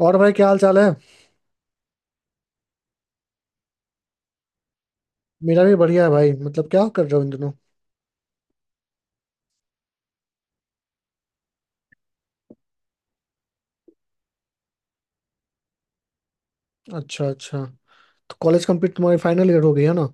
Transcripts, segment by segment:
और भाई क्या हाल चाल है? मेरा भी बढ़िया है भाई। मतलब क्या कर रहे हो इन दिनों? अच्छा अच्छा। तो कॉलेज कंप्लीट, तुम्हारी फाइनल ईयर हो गई है ना?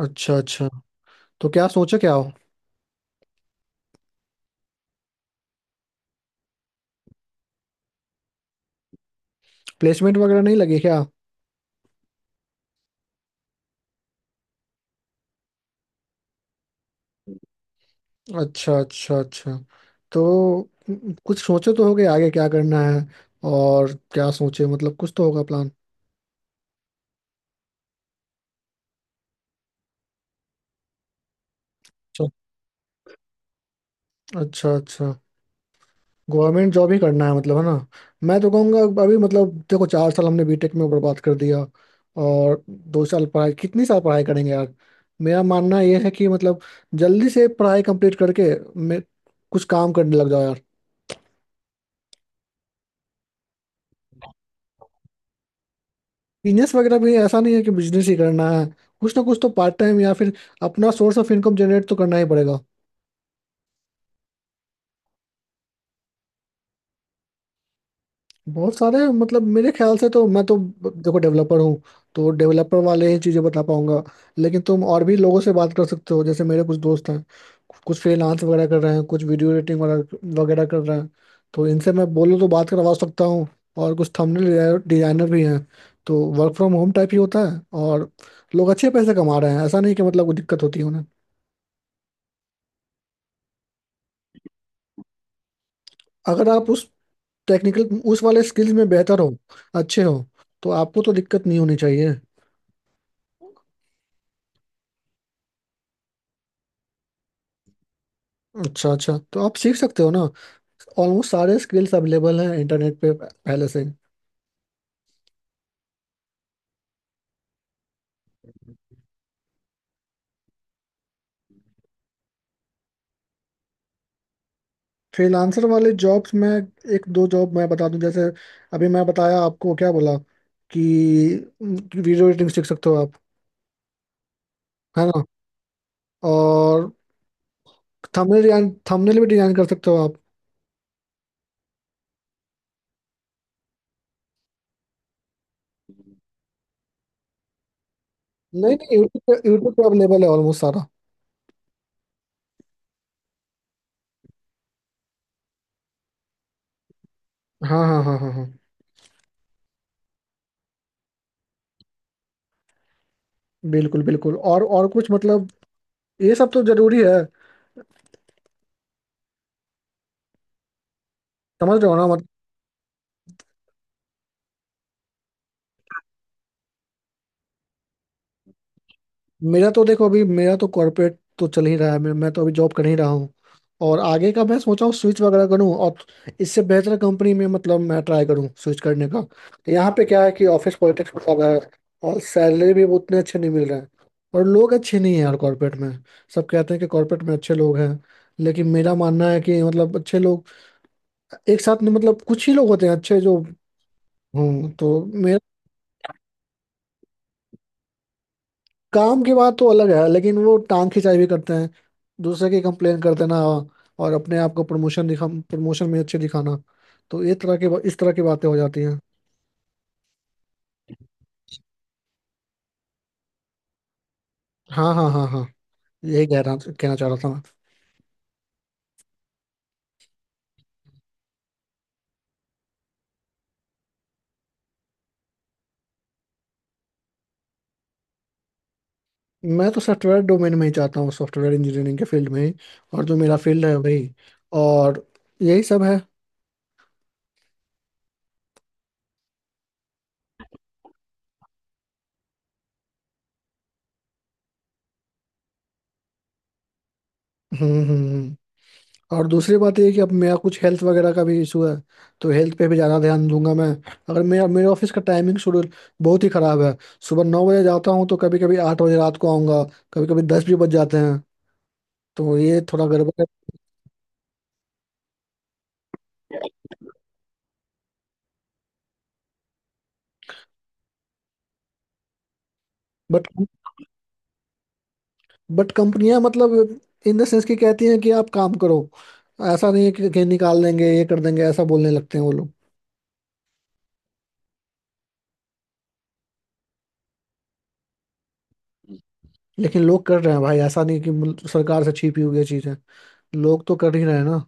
अच्छा अच्छा। तो क्या सोचे क्या हो? प्लेसमेंट वगैरह नहीं लगी क्या? अच्छा अच्छा अच्छा। तो कुछ सोचे तो होगे आगे क्या करना है? और क्या सोचे? मतलब कुछ तो होगा प्लान। अच्छा अच्छा अच्छा। गवर्नमेंट जॉब ही करना है मतलब, है ना? मैं तो कहूँगा अभी मतलब देखो, चार साल हमने बीटेक में बर्बाद कर दिया। और दो साल पढ़ाई, कितनी साल पढ़ाई करेंगे यार। मेरा मानना यह है कि मतलब जल्दी से पढ़ाई कंप्लीट करके मैं कुछ काम करने लग जाओ यार। बिजनेस वगैरह भी ऐसा नहीं है कि बिजनेस ही करना है। कुछ ना कुछ तो पार्ट टाइम या फिर अपना सोर्स ऑफ इनकम जनरेट तो करना ही पड़ेगा। बहुत सारे, मतलब मेरे ख्याल से तो मैं तो देखो डेवलपर हूँ, तो डेवलपर वाले ही चीज़ें बता पाऊंगा। लेकिन तुम और भी लोगों से बात कर सकते हो। जैसे मेरे कुछ दोस्त हैं, कुछ फ्रीलांस वगैरह कर रहे हैं, कुछ वीडियो एडिटिंग वगैरह वगैरह कर रहे हैं। तो इनसे मैं बोलूँ तो बात करवा सकता हूँ। और कुछ थंबनेल डिजाइनर भी हैं। तो वर्क फ्रॉम होम टाइप ही होता है, और लोग अच्छे पैसे कमा रहे हैं। ऐसा नहीं कि मतलब कोई दिक्कत होती है उन्हें। अगर आप उस टेक्निकल उस वाले स्किल्स में बेहतर हो, अच्छे हो, तो आपको तो दिक्कत नहीं होनी चाहिए। अच्छा अच्छा। तो आप सीख सकते हो ना। ऑलमोस्ट सारे स्किल्स अवेलेबल हैं इंटरनेट पे पहले से। फ्रीलांसर वाले जॉब्स में एक दो जॉब मैं बता दूं। जैसे अभी मैं बताया आपको, क्या बोला कि वीडियो एडिटिंग सीख सकते हो आप, है ना? और थंबनेल डिजाइन, थंबनेल भी डिजाइन कर सकते हो आप। नहीं नहीं, यूट्यूब पे यूट्यूब पे अवेलेबल है ऑलमोस्ट सारा। हाँ हाँ हाँ हाँ हाँ। बिल्कुल बिल्कुल। और कुछ मतलब, ये सब तो जरूरी है। समझ रहे हो ना? मेरा तो देखो अभी, मेरा तो कॉर्पोरेट तो चल ही रहा है। मैं तो अभी जॉब कर ही रहा हूँ। और आगे का मैं सोचा हूँ स्विच वगैरह करूँ, और इससे बेहतर कंपनी में मतलब मैं ट्राई करूँ स्विच करने का। यहाँ पे क्या है कि ऑफिस पॉलिटिक्स बहुत ज्यादा है, और सैलरी भी उतने अच्छे नहीं मिल रहे हैं। और लोग अच्छे नहीं हैं यार कॉर्पोरेट में। सब कहते हैं कि कॉर्पोरेट में अच्छे लोग हैं। लेकिन मेरा मानना है कि मतलब अच्छे लोग एक साथ में मतलब कुछ ही लोग होते हैं अच्छे जो। हूँ, तो मेरा काम की बात तो अलग है, लेकिन वो टांग खिंचाई भी करते हैं। दूसरे की कंप्लेन कर देना, और अपने आप को प्रमोशन दिखा, प्रमोशन में अच्छे दिखाना। तो ये तरह की बा- इस तरह की बातें हो जाती हैं। हाँ हाँ हाँ हाँ। यही कह रहा कहना चाह रहा था। मैं तो सॉफ्टवेयर डोमेन में ही चाहता हूँ, सॉफ्टवेयर इंजीनियरिंग के फील्ड में ही। और जो मेरा फील्ड है वही। और यही सब है। हम्म हम्म हम्म। और दूसरी बात ये है कि अब मेरा कुछ हेल्थ वगैरह का भी इशू है। तो हेल्थ पे भी ज़्यादा ध्यान दूंगा मैं। अगर मेरा मेरे ऑफिस का टाइमिंग शेड्यूल बहुत ही ख़राब है। सुबह 9 बजे जाता हूँ, तो कभी कभी 8 बजे रात को आऊँगा। कभी कभी 10 भी बज जाते हैं। तो ये थोड़ा गड़बड़ है। बट बट कंपनियां मतलब इन द सेंस की कहती हैं कि आप काम करो। ऐसा नहीं है कि निकाल देंगे, ये कर देंगे, ऐसा बोलने लगते हैं वो लोग। लेकिन लोग कर रहे हैं भाई। ऐसा नहीं कि सरकार से छिपी हुई ये चीज़ है। लोग तो कर ही रहे हैं ना।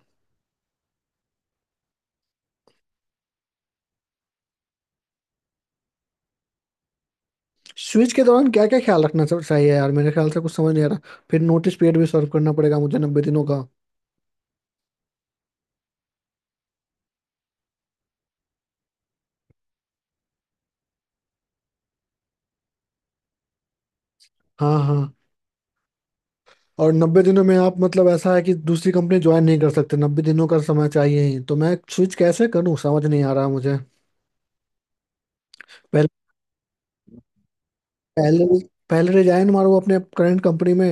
स्विच के दौरान क्या क्या ख्याल रखना चाहिए यार, मेरे ख्याल से कुछ समझ नहीं आ रहा। फिर नोटिस पीरियड भी सर्व करना पड़ेगा मुझे, 90 दिनों का। हाँ हाँ। और 90 दिनों में आप मतलब, ऐसा है कि दूसरी कंपनी ज्वाइन नहीं कर सकते। 90 दिनों का समय चाहिए ही, तो मैं स्विच कैसे करूँ? समझ नहीं आ रहा मुझे। पहले पहले पहले रिजाइन मारूँ अपने करंट कंपनी में,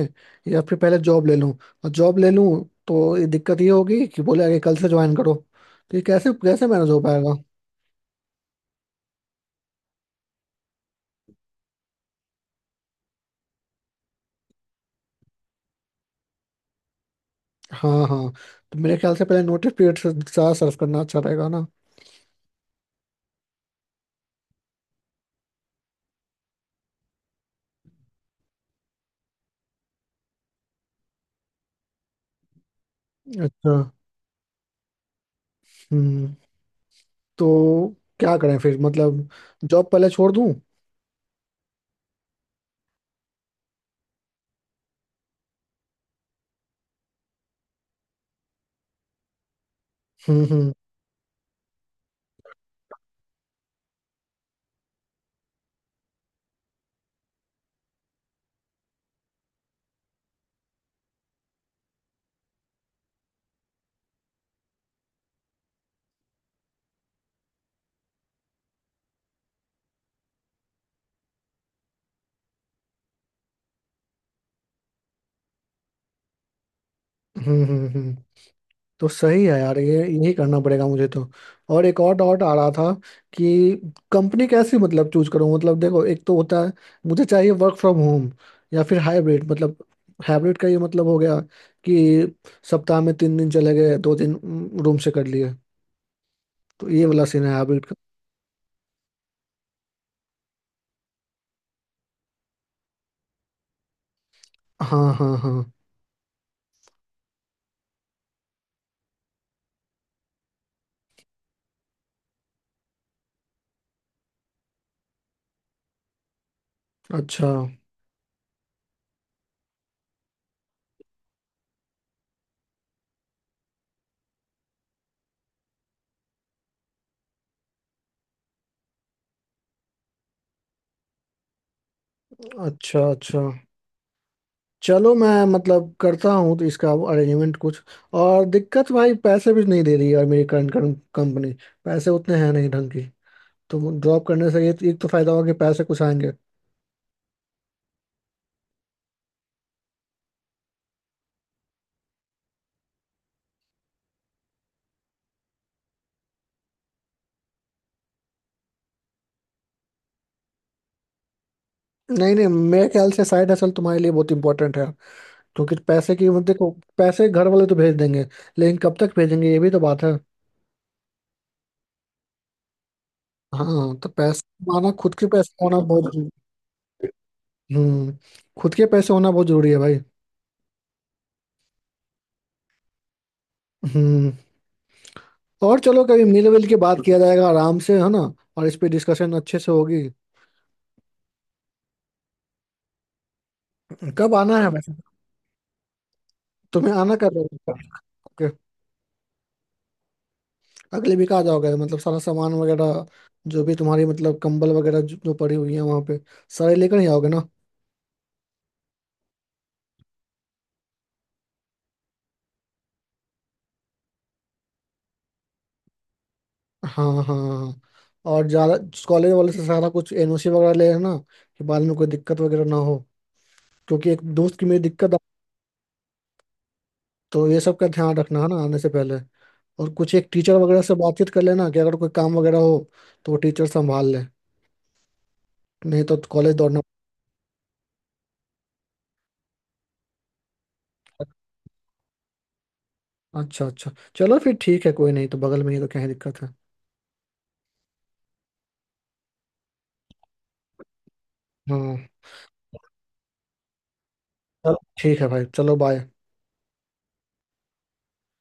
या फिर पहले जॉब ले लूँ। और जॉब ले लूँ तो ये दिक्कत ये होगी कि बोले आगे कल से ज्वाइन करो, तो ये कैसे कैसे मैनेज हो पाएगा। हाँ हाँ। तो मेरे ख्याल से पहले नोटिस पीरियड से ज़्यादा सर्व करना अच्छा रहेगा ना। अच्छा। हम्म। तो क्या करें फिर? मतलब जॉब पहले छोड़ दूं? हम्म हम्म हम्म हम्म हम्म। तो सही है यार, ये यही करना पड़ेगा मुझे तो। और एक और डाउट आ रहा था कि कंपनी कैसी मतलब चूज करूं। मतलब देखो, एक तो होता है मुझे चाहिए वर्क फ्रॉम होम या फिर हाइब्रिड। मतलब हाइब्रिड का ये मतलब हो गया कि सप्ताह में 3 दिन चले गए, 2 दिन रूम से कर लिए। तो ये वाला सीन है हाइब्रिड का। हाँ हाँ हाँ। अच्छा अच्छा अच्छा। चलो मैं मतलब करता हूँ तो इसका अरेंजमेंट कुछ। और दिक्कत भाई, पैसे भी नहीं दे रही यार मेरी करंट कंपनी। पैसे उतने हैं नहीं ढंग की। तो ड्रॉप करने से ये एक तो फायदा होगा कि पैसे कुछ आएंगे। नहीं नहीं, मेरे ख्याल से साइड हसल तुम्हारे लिए बहुत इंपॉर्टेंट है। क्योंकि पैसे की, मतलब देखो, पैसे घर वाले तो भेज देंगे, लेकिन कब तक भेजेंगे ये भी तो बात है। हाँ तो पैसे, माना खुद के पैसे होना बहुत जरूरी- हम्म। खुद के पैसे होना बहुत जरूरी है भाई। हम्म। और चलो कभी मिल विल के बात किया जाएगा आराम से, है ना। और इस पे डिस्कशन अच्छे से होगी। कब आना है वैसे? तुम्हें आना कब है? ओके। अगले वीक आ जाओगे? मतलब सारा सामान वगैरह, जो भी तुम्हारी मतलब कंबल वगैरह जो जो पड़ी हुई है वहाँ पे, सारे लेकर ही आओगे ना? हाँ हाँ हाँ। हाँ। और ज़्यादा, कॉलेज वाले से सारा कुछ एनओसी वगैरह ले लेना, कि बाद में कोई दिक्कत वगैरह ना हो। क्योंकि एक दोस्त की मेरी दिक्कत आ- तो ये सब का ध्यान रखना है ना आने से पहले। और कुछ एक टीचर वगैरह से बातचीत कर लेना कि अगर कोई काम वगैरह हो तो वो टीचर संभाल ले। नहीं तो कॉलेज दौड़ना। अच्छा अच्छा। चलो फिर ठीक है, कोई नहीं, तो बगल में ही तो क्या ही दिक्कत है। हाँ चलो ठीक है भाई, चलो बाय।